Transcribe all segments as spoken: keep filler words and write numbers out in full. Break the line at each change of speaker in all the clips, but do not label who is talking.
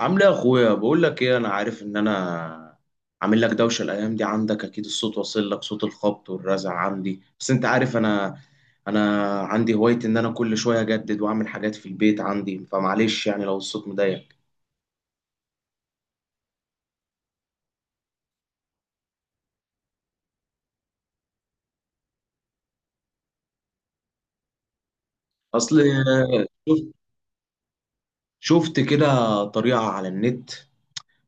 عامل ايه يا اخويا؟ بقول لك ايه، انا عارف ان انا عامل لك دوشه الايام دي. عندك اكيد الصوت واصل لك، صوت الخبط والرزع عندي، بس انت عارف انا انا عندي هوايه ان انا كل شويه اجدد واعمل حاجات في البيت عندي، فمعلش يعني لو الصوت مضايق. اصل شفت شفت كده طريقه على النت،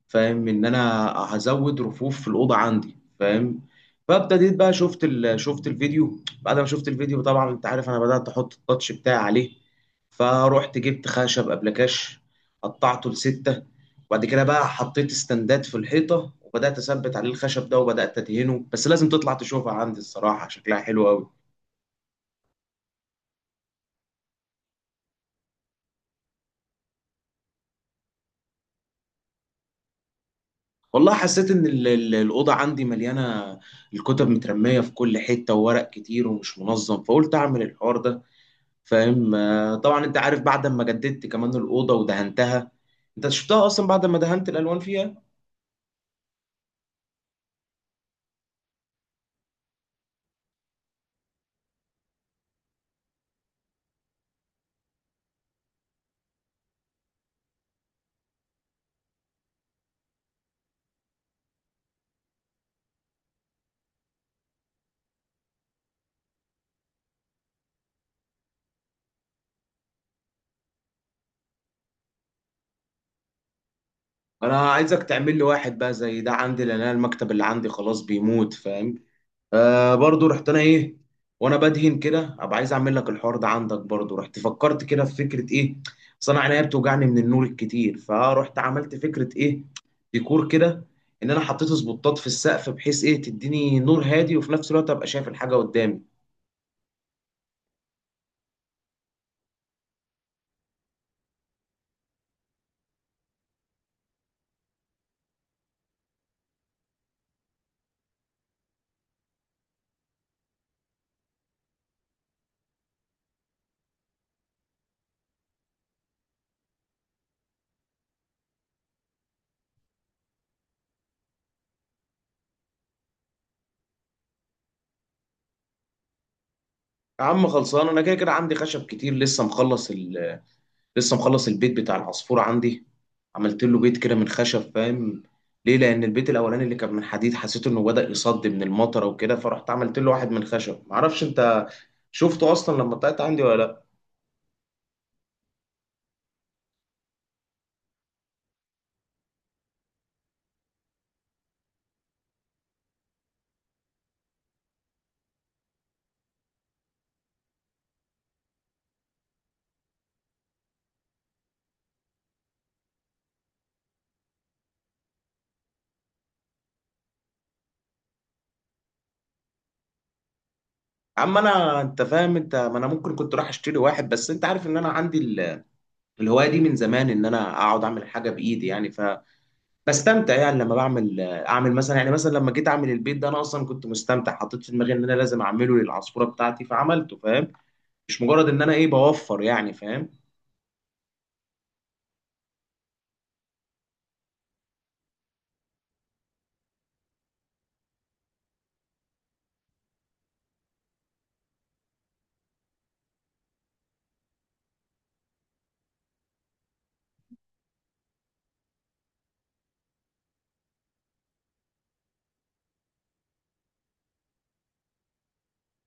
فاهم ان انا هزود رفوف في الاوضه عندي، فاهم؟ فابتديت بقى، شفت ال... شفت الفيديو. بعد ما شفت الفيديو طبعا انت عارف انا بدات احط التاتش بتاعي عليه، فروحت جبت خشب ابلكاش، قطعته لستة، وبعد كده بقى حطيت استندات في الحيطه وبدات اثبت عليه الخشب ده وبدات ادهنه. بس لازم تطلع تشوفها عندي، الصراحه شكلها حلو قوي. والله حسيت ان ال- ال- الاوضه عندي مليانه، الكتب مترميه في كل حته وورق كتير ومش منظم، فقلت اعمل الحوار ده. فاهم؟ آه، طبعا انت عارف بعد ما جددت كمان الاوضه ودهنتها، انت شفتها اصلا بعد ما دهنت الالوان فيها. انا عايزك تعمل لي واحد بقى زي ده عندي، لان انا المكتب اللي عندي خلاص بيموت، فاهم؟ آه برضو، رحت انا ايه وانا بدهن كده، ابقى عايز اعمل لك الحوار ده عندك برضو. رحت فكرت كده في فكره ايه، اصل انا عينيا بتوجعني من النور الكتير، فرحت عملت فكره ايه، ديكور كده. ان انا حطيت سبوتات في السقف، بحيث ايه، تديني نور هادي وفي نفس الوقت ابقى شايف الحاجه قدامي. يا عم خلصان، انا كده كده عندي خشب كتير، لسه مخلص ال... لسه مخلص البيت بتاع العصفور عندي. عملت له بيت كده من خشب، فاهم؟ ليه؟ لان البيت الاولاني اللي كان من حديد حسيت انه بدأ يصد من المطره وكده، فرحت عملت له واحد من خشب. معرفش انت شفته اصلا لما طلعت عندي ولا لا. يا عم انا انت فاهم، انت ما انا ممكن كنت رايح اشتري واحد، بس انت عارف ان انا عندي ال- الهوايه دي من زمان، ان انا اقعد اعمل حاجه بايدي يعني. ف بستمتع يعني لما بعمل، اعمل مثلا يعني، مثلا لما جيت اعمل البيت ده انا اصلا كنت مستمتع. حطيت في دماغي ان انا لازم اعمله للعصفوره بتاعتي، فعملته فاهم؟ مش مجرد ان انا ايه، بوفر يعني، فاهم؟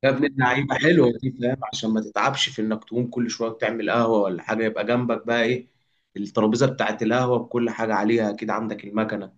يا ابن اللعيبه، حلوه دي، فاهم؟ عشان ما تتعبش في انك تقوم كل شويه تعمل قهوه ولا حاجه، يبقى جنبك بقى ايه، الترابيزه بتاعت القهوه بكل حاجه عليها. اكيد عندك المكنه.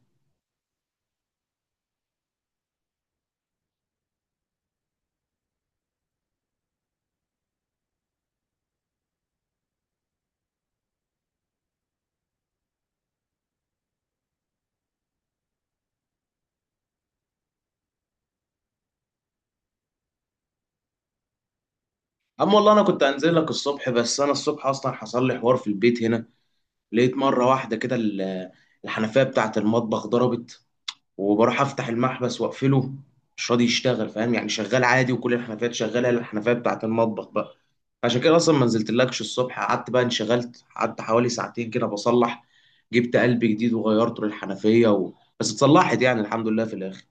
اما والله انا كنت انزل لك الصبح، بس انا الصبح اصلا حصل لي حوار في البيت هنا. لقيت مره واحده كده ال- الحنفيه بتاعت المطبخ ضربت. وبروح افتح المحبس واقفله مش راضي يشتغل، فاهم يعني؟ شغال عادي وكل الحنفيات شغاله إلا الحنفيه بتاعت المطبخ بقى. عشان كده اصلا ما نزلتلكش الصبح، قعدت بقى انشغلت، قعدت حوالي ساعتين كده بصلح، جبت قلب جديد وغيرته للحنفيه و... بس اتصلحت يعني، الحمد لله في الاخر.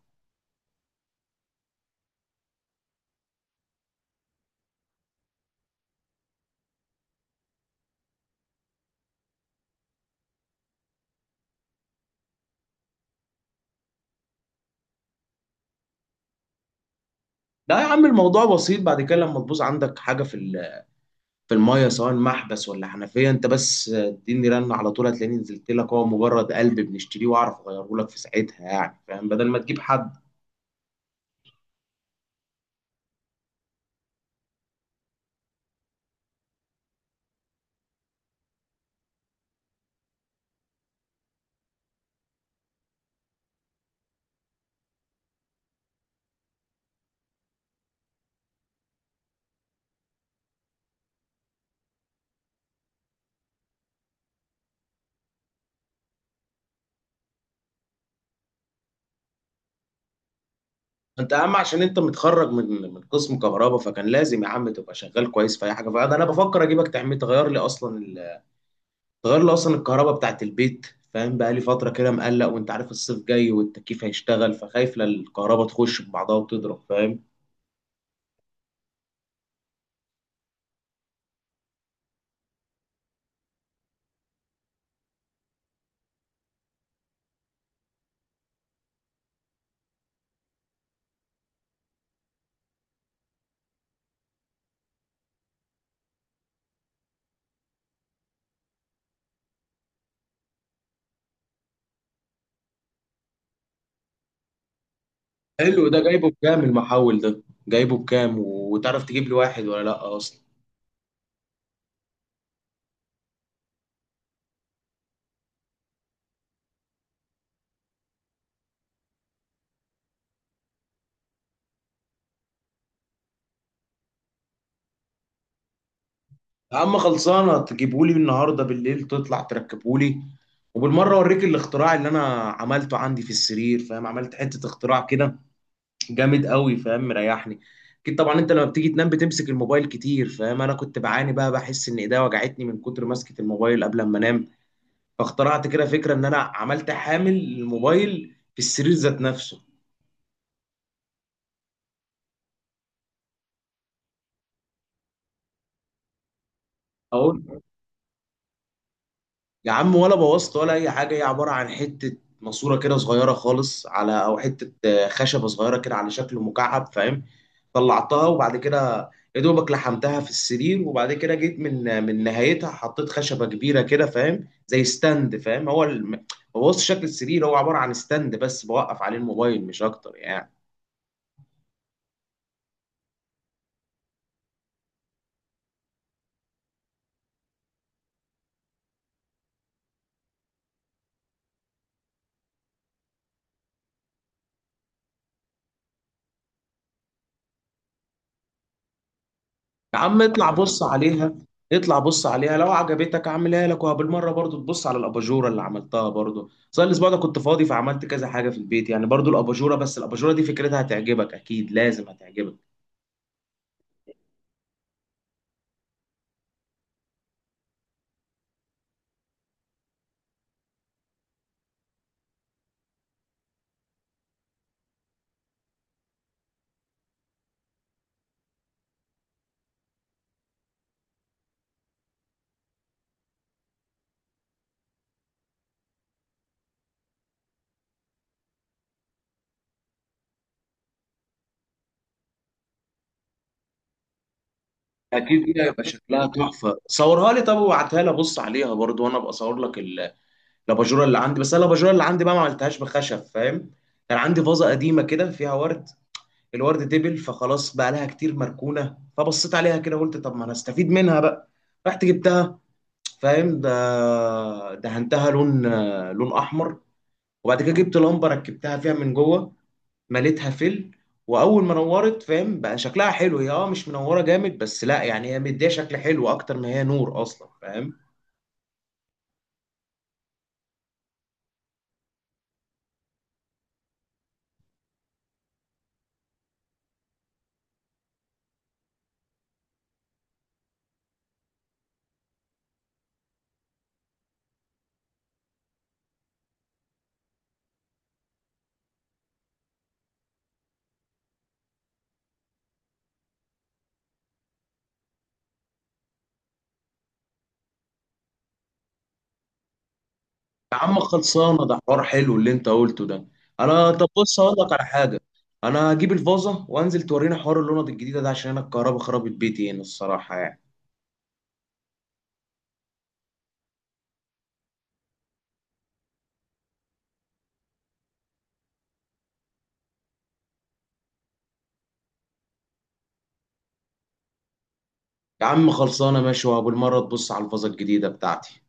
لا يا عم الموضوع بسيط. بعد كده لما تبوظ عندك حاجه في ال... في الميه، سواء محبس ولا حنفيه، انت بس اديني رن على طول هتلاقيني نزلت لك. هو مجرد قلب بنشتريه، واعرف اغيره لك في ساعتها يعني، فاهم؟ بدل ما تجيب حد. انت يا عم عشان انت متخرج من من قسم كهرباء، فكان لازم يا عم تبقى شغال كويس في اي حاجه. فانا انا بفكر اجيبك تعمل، تغير لي اصلا ال... تغير لي اصلا الكهرباء بتاعت البيت. فاهم بقى لي فتره كده مقلق، وانت عارف الصيف جاي والتكييف هيشتغل، فخايف لا الكهرباء تخش ببعضها وتضرب، فاهم؟ حلو ده. جايبه بكام المحول ده؟ جايبه بكام و- وتعرف تجيب لي واحد ولا لا اصلا؟ يا عم خلصانه، تجيبه لي النهارده بالليل، تطلع تركبه لي. وبالمره اوريك الاختراع اللي انا عملته عندي في السرير، فاهم؟ عملت حته اختراع كده جامد قوي، فاهم؟ مريحني. اكيد طبعا انت لما بتيجي تنام بتمسك الموبايل كتير، فاهم؟ انا كنت بعاني بقى، بحس ان ايديا وجعتني من كتر مسكة الموبايل قبل ما انام. فاخترعت كده فكرة، ان انا عملت حامل للموبايل في السرير ذات نفسه. اقول يا عم، ولا بوظت ولا اي حاجه. هي عباره عن حته ماسوره كده صغيره خالص، على او حته آه، خشبه صغيره كده على شكل مكعب، فاهم؟ طلعتها، وبعد كده يا دوبك لحمتها في السرير، وبعد كده جيت من آه، من نهايتها حطيت خشبه كبيره كده، فاهم؟ زي ستاند، فاهم؟ هو الم- بوظت شكل السرير، هو عباره عن ستاند بس بوقف عليه الموبايل مش اكتر يعني. يا عم اطلع بص عليها. اطلع بص عليها لو عجبتك اعملها لك. وبالمره برضو تبص على الاباجوره اللي عملتها برضو. صار الاسبوع ده كنت فاضي، فعملت كذا حاجه في البيت يعني، برضو الاباجوره. بس الاباجوره دي فكرتها هتعجبك، اكيد لازم هتعجبك. اكيد دي هيبقى شكلها تحفه، صورها لي طب وابعتها لي ابص عليها برضو، وانا ابقى اصور لك ال- الاباجوره اللي عندي. بس انا الاباجوره اللي عندي بقى ما عملتهاش بخشب، فاهم؟ كان عندي فازه قديمه كده فيها ورد، الورد دبل فخلاص بقى لها كتير مركونه، فبصيت عليها كده قلت طب ما انا استفيد منها بقى. رحت جبتها، فاهم؟ ده دهنتها لون لون احمر، وبعد كده جبت لمبه ركبتها فيها من جوه، مليتها فل. واول ما نورت، فاهم، بقى شكلها حلو. هي اه مش منوره جامد، بس لا يعني هي مديه شكل حلو اكتر ما هي نور اصلا، فاهم؟ يا عم خلصانه، ده حوار حلو اللي انت قلته ده. انا طب بص هقول لك على حاجه، انا هجيب الفازه وانزل تورينا حوار اللوند الجديده ده، عشان انا الكهرباء خربت بيتي هنا الصراحه يعني. يا عم خلصانه ماشي، وابو المره تبص على الفازه الجديده بتاعتي.